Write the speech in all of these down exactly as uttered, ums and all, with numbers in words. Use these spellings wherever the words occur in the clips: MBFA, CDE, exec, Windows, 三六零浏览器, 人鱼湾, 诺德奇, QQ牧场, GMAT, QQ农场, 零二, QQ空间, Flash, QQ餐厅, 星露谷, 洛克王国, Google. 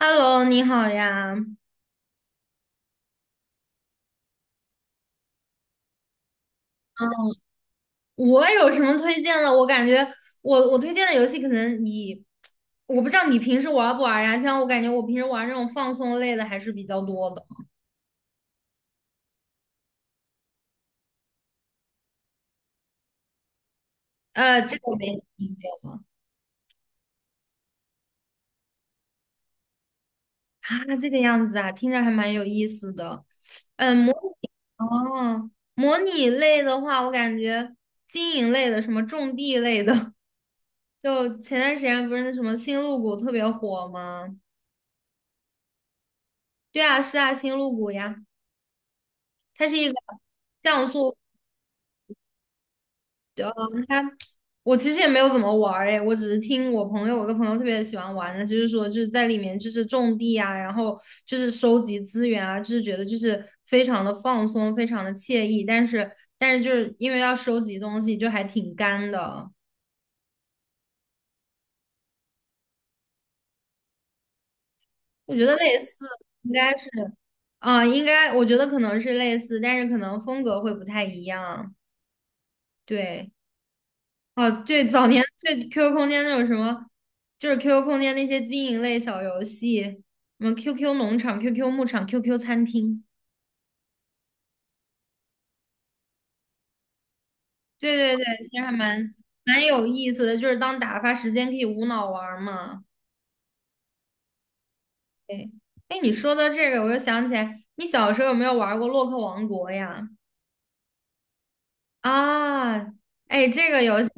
Hello，你好呀。嗯，我有什么推荐的？我感觉我我推荐的游戏可能你，我不知道你平时玩不玩呀？像我感觉我平时玩这种放松类的还是比较多的。呃，这个我没听过啊，这个样子啊，听着还蛮有意思的。嗯，模哦，模拟类的话，我感觉经营类的，什么种地类的，就前段时间不是那什么星露谷特别火吗？对啊，是啊，星露谷呀。它是一个像素，呃，它我其实也没有怎么玩儿诶，我只是听我朋友，我一个朋友特别喜欢玩的，就是说就是在里面就是种地啊，然后就是收集资源啊，就是觉得就是非常的放松，非常的惬意，但是但是就是因为要收集东西，就还挺干的。我觉得类似应该是啊、应该我觉得可能是类似，但是可能风格会不太一样，对。哦，对，早年对 Q Q 空间那种什么，就是 QQ 空间那些经营类小游戏，什么 QQ 农场、QQ 牧场、QQ 餐厅，对对对，其实还蛮蛮有意思的，就是当打发时间可以无脑玩儿嘛。对，哎，你说的这个，我又想起来，你小时候有没有玩过《洛克王国》呀？啊，哎，这个游戏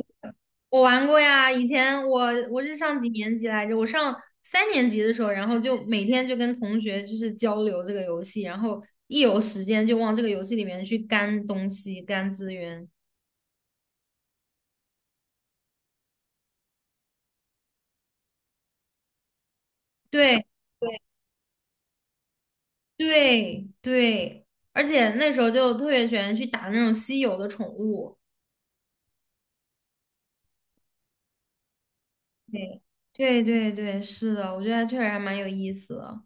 我玩过呀。以前我我是上几年级来着？我上三年级的时候，然后就每天就跟同学就是交流这个游戏，然后一有时间就往这个游戏里面去干东西、干资源。对对对，对。而且那时候就特别喜欢去打那种稀有的宠物。对对对对，是的，我觉得确实还蛮有意思的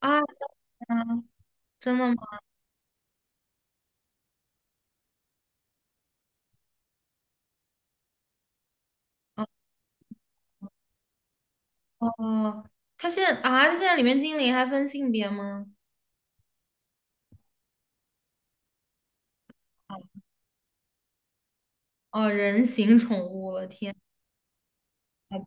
啊，真的吗？啊。哦，他现在啊，他现在里面精灵还分性别吗？哦，人形宠物了，天，好吧，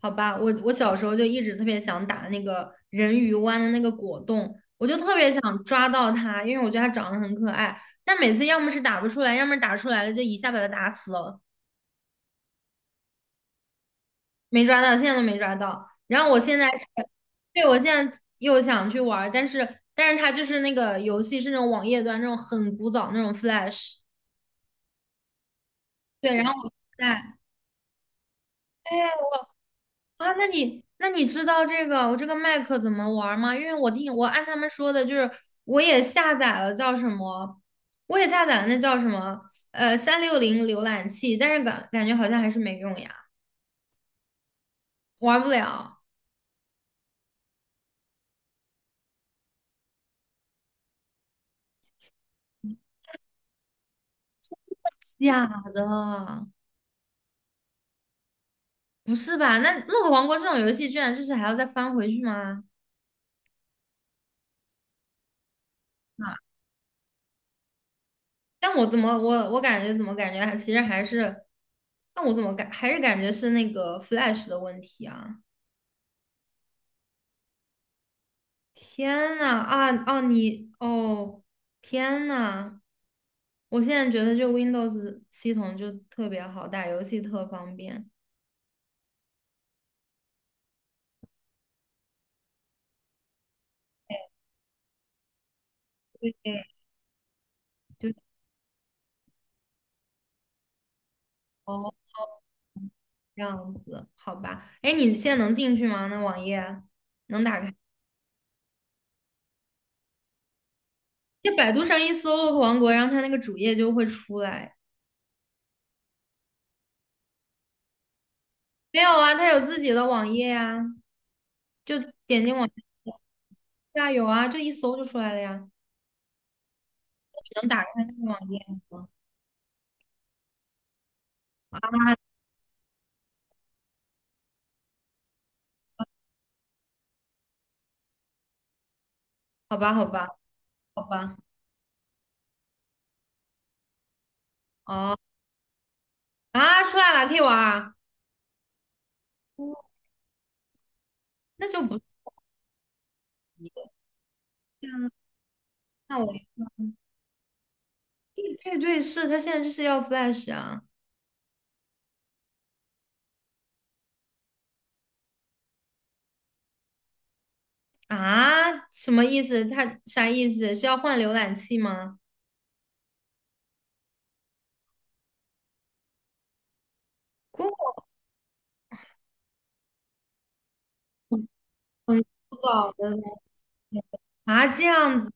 好吧，我我小时候就一直特别想打那个人鱼湾的那个果冻，我就特别想抓到它，因为我觉得它长得很可爱，但每次要么是打不出来，要么是打出来了就一下把它打死了，没抓到，现在都没抓到。然后我现在是，对，我现在又想去玩儿但是但是它就是那个游戏是那种网页端那种很古早那种 Flash,对，然后我现在。啊，那你那你知道这个我这个麦克怎么玩儿吗？因为我听我按他们说的，就是我也下载了叫什么，我也下载了那叫什么，呃，三六零浏览器，但是感感觉好像还是没用呀，玩不了。假的，不是吧？那《洛克王国》这种游戏居然就是还要再翻回去吗？啊，但我怎么我我感觉怎么感觉还其实还是，但我怎么感还是感觉是那个 Flash 的问题啊？天呐，啊哦你哦天呐，我现在觉得就 Windows 系统就特别好，打游戏特方便。对，就哦这样子，好吧。哎，你现在能进去吗？那网页能打开？就百度上一搜洛克王国"，然后它那个主页就会出来。没有啊，它有自己的网页呀、就点进网页，对啊，有啊，就一搜就出来了呀。你能打开那个网页吗？好吧，好吧，好吧，哦。啊，出来了，可以玩啊，那就不是一个。天呐，那我配配对是他现在就是要 Flash 啊啊，什么意思？他啥意思？是要换浏览器吗？Google 很古早的东西啊，这样子，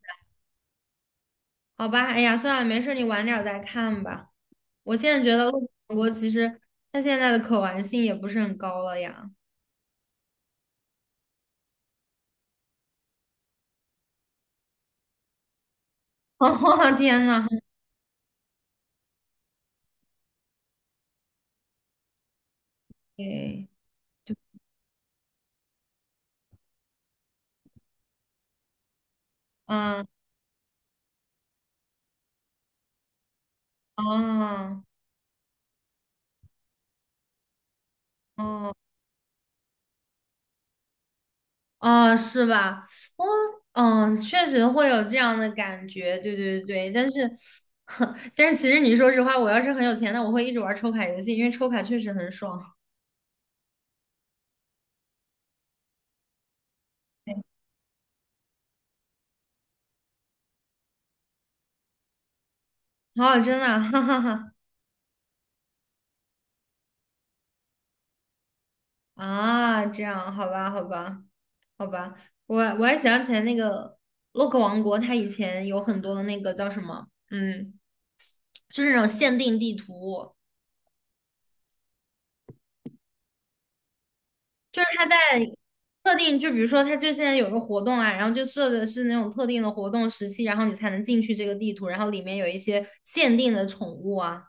好吧，哎呀，算了，没事，你晚点儿再看吧。我现在觉得陆建国其实他现在的可玩性也不是很高了呀。哦，天呐，哎，就嗯，哦，哦。哦，是吧？我嗯，确实会有这样的感觉，对对对。但是，但是其实你说实话，我要是很有钱，那我会一直玩抽卡游戏，因为抽卡确实很爽。哦，真的啊 哈哈哈啊，这样，好吧，好吧，好吧。我我还想起来那个洛克王国，它以前有很多那个叫什么，嗯，就是那种限定地图。就是他在特定，就比如说他就现在有个活动啊，然后就设的是那种特定的活动时期，然后你才能进去这个地图，然后里面有一些限定的宠物啊，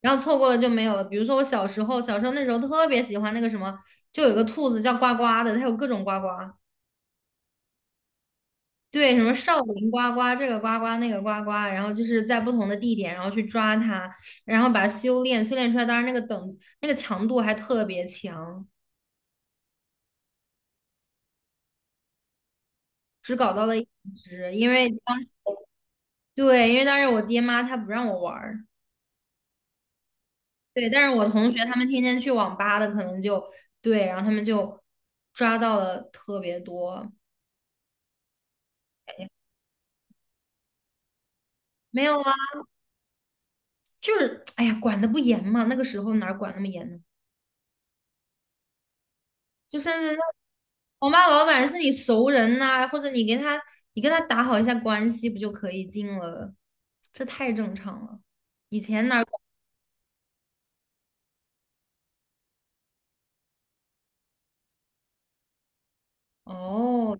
然后错过了就没有了。比如说我小时候，小时候那时候特别喜欢那个什么，就有个兔子叫呱呱的，它有各种呱呱，对，什么少林呱呱，这个呱呱那个呱呱，然后就是在不同的地点，然后去抓它，然后把它修炼，修炼出来，当然那个等那个强度还特别强，只搞到了一只，因为当。对，因为当时我爹妈他不让我玩儿，对，但是我同学他们天天去网吧的，可能就对，然后他们就抓到了特别多。没有啊，就是哎呀，管的不严嘛，那个时候哪儿管那么严呢？就甚至那网吧老板是你熟人呐、或者你跟他你跟他打好一下关系，不就可以进了？这太正常了，以前哪儿管哦，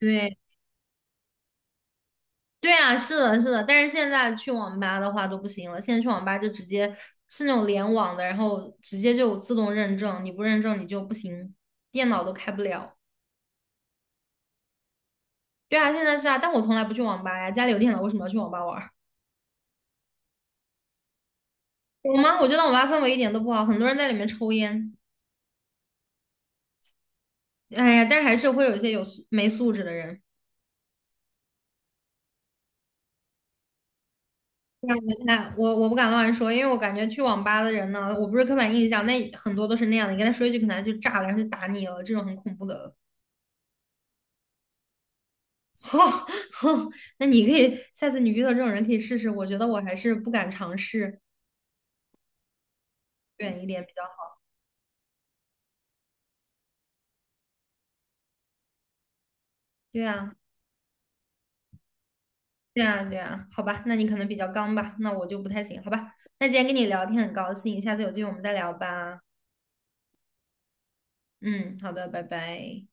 对。对啊，是的，是的，但是现在去网吧的话都不行了，现在去网吧就直接是那种联网的，然后直接就自动认证，你不认证你就不行，电脑都开不了。对啊，现在是啊，但我从来不去网吧呀，家里有电脑，为什么要去网吧玩儿？有吗？我觉得网吧氛围一点都不好，很多人在里面抽烟，哎呀，但是还是会有一些有素没素质的人。那我看我我不敢乱说，因为我感觉去网吧的人呢，我不是刻板印象，那很多都是那样的，你跟他说一句，可能他就炸了，然后就打你了，这种很恐怖的。好，好，那你可以下次你遇到这种人可以试试，我觉得我还是不敢尝试，远一点比较好。对啊，对啊，对啊，好吧，那你可能比较刚吧，那我就不太行，好吧。那今天跟你聊天很高兴，下次有机会我们再聊吧。嗯，好的，拜拜。